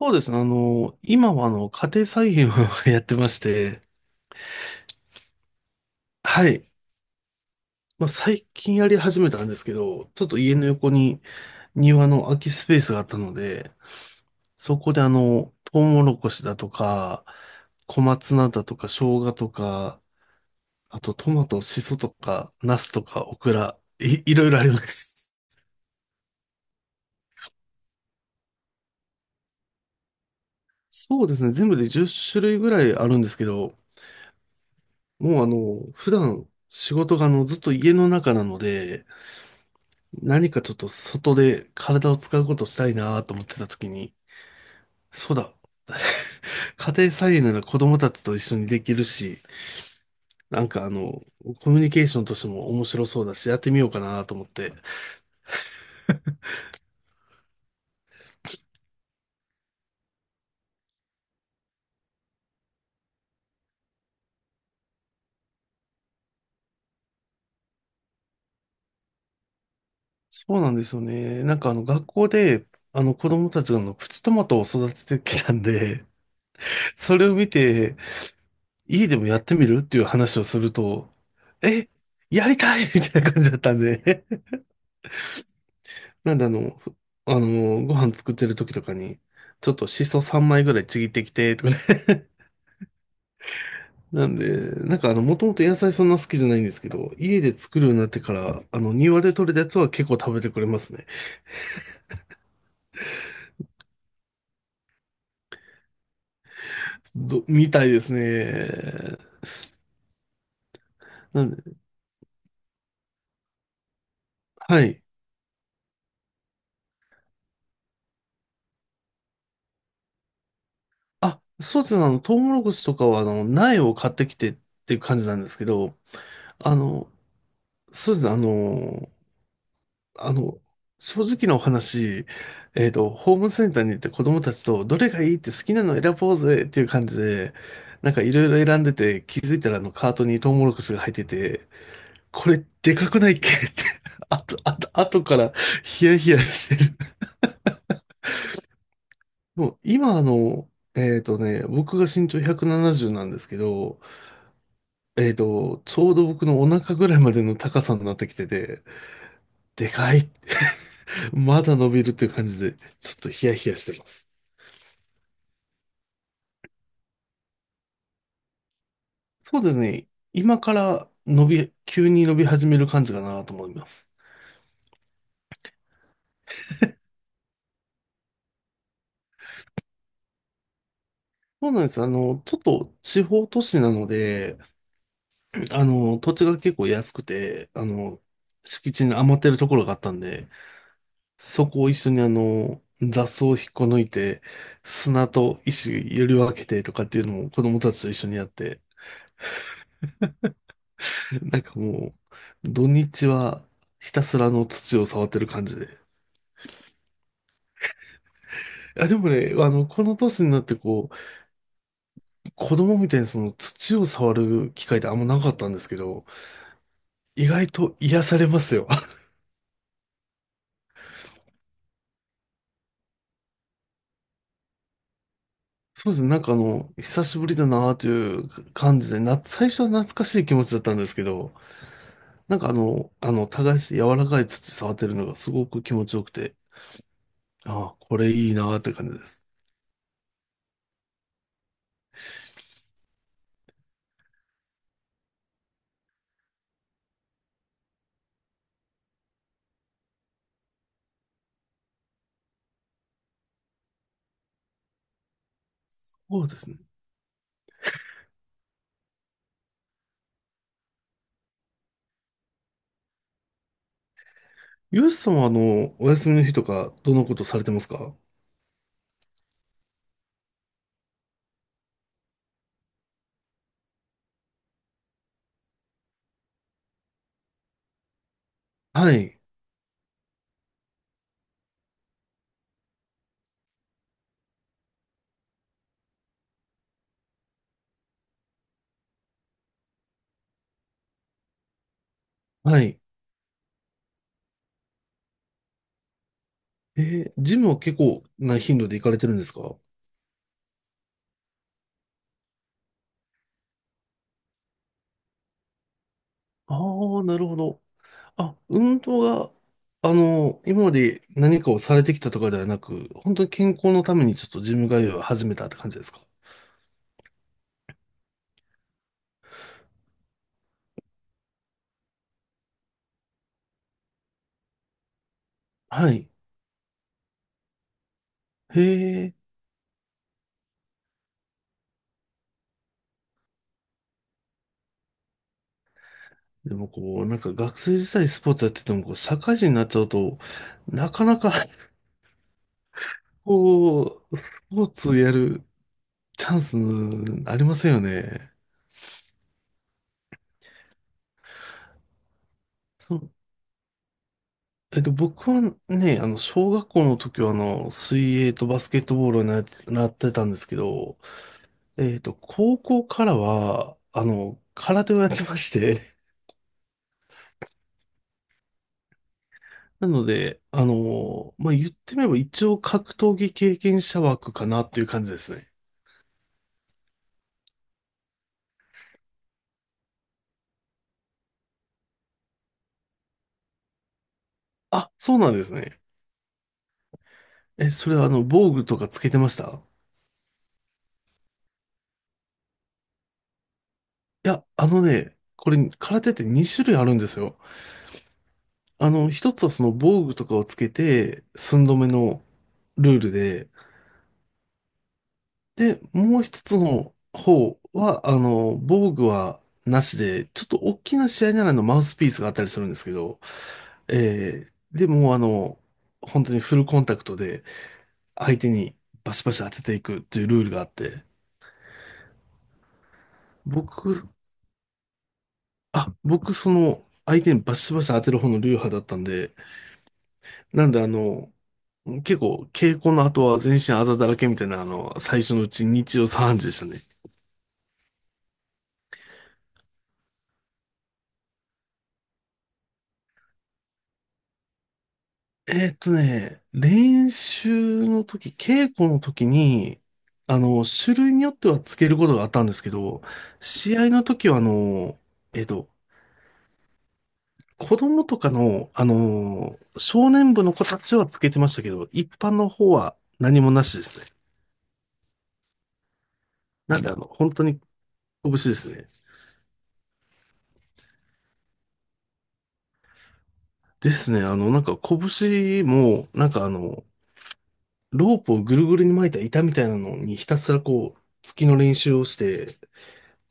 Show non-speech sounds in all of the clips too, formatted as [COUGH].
そうですね。今は家庭菜園を [LAUGHS] やってまして、はい。まあ、最近やり始めたんですけど、ちょっと家の横に庭の空きスペースがあったので、そこでトウモロコシだとか、小松菜だとか、生姜とか、あとトマト、シソとか、ナスとか、オクラ、いろいろあります。そうですね。全部で10種類ぐらいあるんですけど、もう普段仕事がずっと家の中なので、何かちょっと外で体を使うことしたいなと思ってた時に、そうだ、家庭菜園なら子供たちと一緒にできるし、なんかコミュニケーションとしても面白そうだし、やってみようかなと思って。そうなんですよね。なんか学校で、子供たちがプチトマトを育ててきたんで、それを見て、家でもやってみるっていう話をすると、え、やりたいみたいな感じだったんで、なんであの、ふあの、ご飯作ってる時とかに、ちょっとシソ3枚ぐらいちぎってきて、とかね。[LAUGHS] なんで、なんかもともと野菜そんな好きじゃないんですけど、家で作るようになってから、庭で採れたやつは結構食べてくれますね。みたいですね。なんで、はい。あ、そうですね、トウモロコシとかは、苗を買ってきてっていう感じなんですけど、あの、そうですね。あの、正直なお話、ホームセンターに行って子供たちと、どれがいいって好きなの選ぼうぜっていう感じで、なんかいろいろ選んでて、気づいたらあのカートにトウモロコシが入ってて、これでかくないっけって、[LAUGHS] あと、あと、あとからヒヤヒヤしてる。もう今僕が身長170ななじゅうなんですけど、ちょうど僕のお腹ぐらいまでの高さになってきてて、でかい、まだ伸びるっていう感じで、ちょっとヒヤヒヤしてます。そうですね。今から急に伸び始める感じかなと思います。そうなんです。ちょっと地方都市なので、土地が結構安くて、敷地に余ってるところがあったんで、そこを一緒に雑草を引っこ抜いて、砂と石より分けてとかっていうのを子供たちと一緒にやって、なんかもう、土日はひたすらあの土を触ってる感じで。あ、でもね、この年になってこう、子供みたいにその土を触る機会ってあんまなかったんですけど、意外と癒されますよ。[LAUGHS] そうですね、なんか久しぶりだなという感じで、最初は懐かしい気持ちだったんですけど、なんか耕して柔らかい土触ってるのがすごく気持ちよくて、ああ、これいいなって感じです。そうですね。ユースさんはお休みの日とか、どのことされてますか？はい、はい。ジムは結構な頻度で行かれてるんですか？ああー、なるほど。あ、運動が、今まで何かをされてきたとかではなく、本当に健康のためにちょっとジム通いを始めたって感じですか？はい。へえ。でもこう、なんか学生時代スポーツやってても、こう、社会人になっちゃうと、なかなか、[LAUGHS] こう、スポーツやるチャンスありませんよね。そう。僕はね、小学校の時は、水泳とバスケットボールをなってたんですけど、高校からは、空手をやってまして、[LAUGHS] なので、まあ、言ってみれば一応格闘技経験者枠かなっていう感じですね。あ、そうなんですね。それは防具とかつけてました？いや、あのね、これ、空手って2種類あるんですよ。一つはその防具とかをつけて、寸止めのルールで、で、もう一つの方は、防具はなしで、ちょっと大きな試合ならのマウスピースがあったりするんですけど、えでもう本当にフルコンタクトで相手にバシバシ当てていくっていうルールがあって、僕、僕その相手にバシバシ当てる方の流派だったんで、なんで結構稽古の後は全身あざだらけみたいな最初のうち日曜3時でしたね。練習の時、稽古の時に、種類によってはつけることがあったんですけど、試合の時は、えーっと、子供とかの、少年部の子たちはつけてましたけど、一般の方は何もなしですね。なんで、本当に拳ですね。ですね、なんか拳も、なんかロープをぐるぐるに巻いた板みたいなのにひたすらこう、突きの練習をして、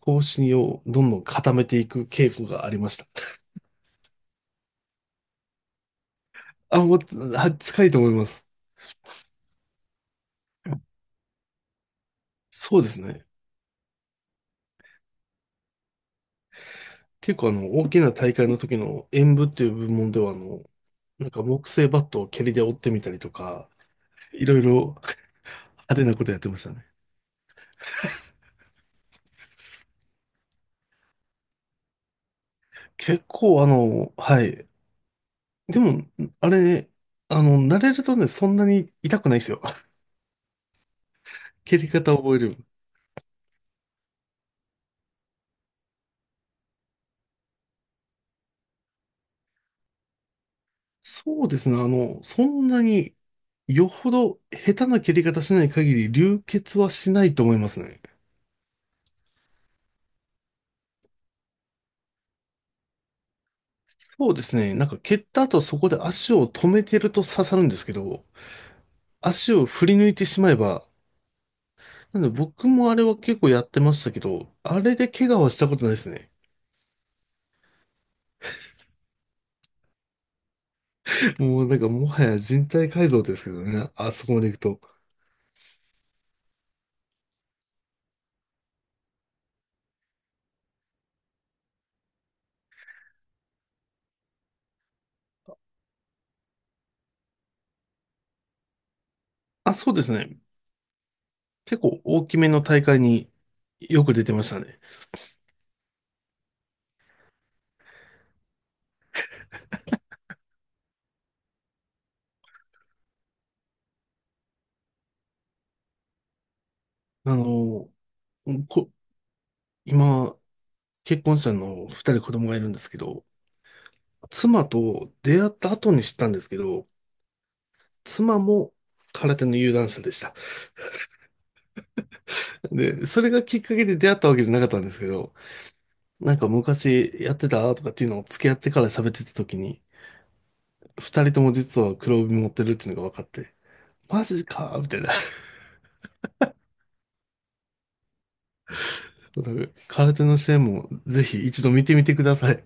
方針をどんどん固めていく傾向がありました。あ、もう、近いと思います。そうですね。結構大きな大会の時の演舞っていう部門では、なんか木製バットを蹴りで折ってみたりとか、いろいろ [LAUGHS] 派手なことやってましたね。結構はい。でも、あれ、慣れるとね、そんなに痛くないですよ。[LAUGHS] 蹴り方を覚える。そうですね。そんなに、よほど下手な蹴り方しない限り流血はしないと思いますね。そうですね。なんか蹴った後そこで足を止めてると刺さるんですけど、足を振り抜いてしまえば、なんで僕もあれは結構やってましたけど、あれで怪我はしたことないですね。もうなんかもはや人体改造ですけどね。あそこまで行くと。あ、そうですね。結構大きめの大会によく出てましたね。あの、こ、今、結婚したの二人子供がいるんですけど、妻と出会った後に知ったんですけど、妻も空手の有段者でした。で、それがきっかけで出会ったわけじゃなかったんですけど、なんか昔やってたとかっていうのを付き合ってから喋ってた時に、二人とも実は黒帯持ってるっていうのが分かって、マジかみたいな。[LAUGHS] 空手の試合もぜひ一度見てみてください。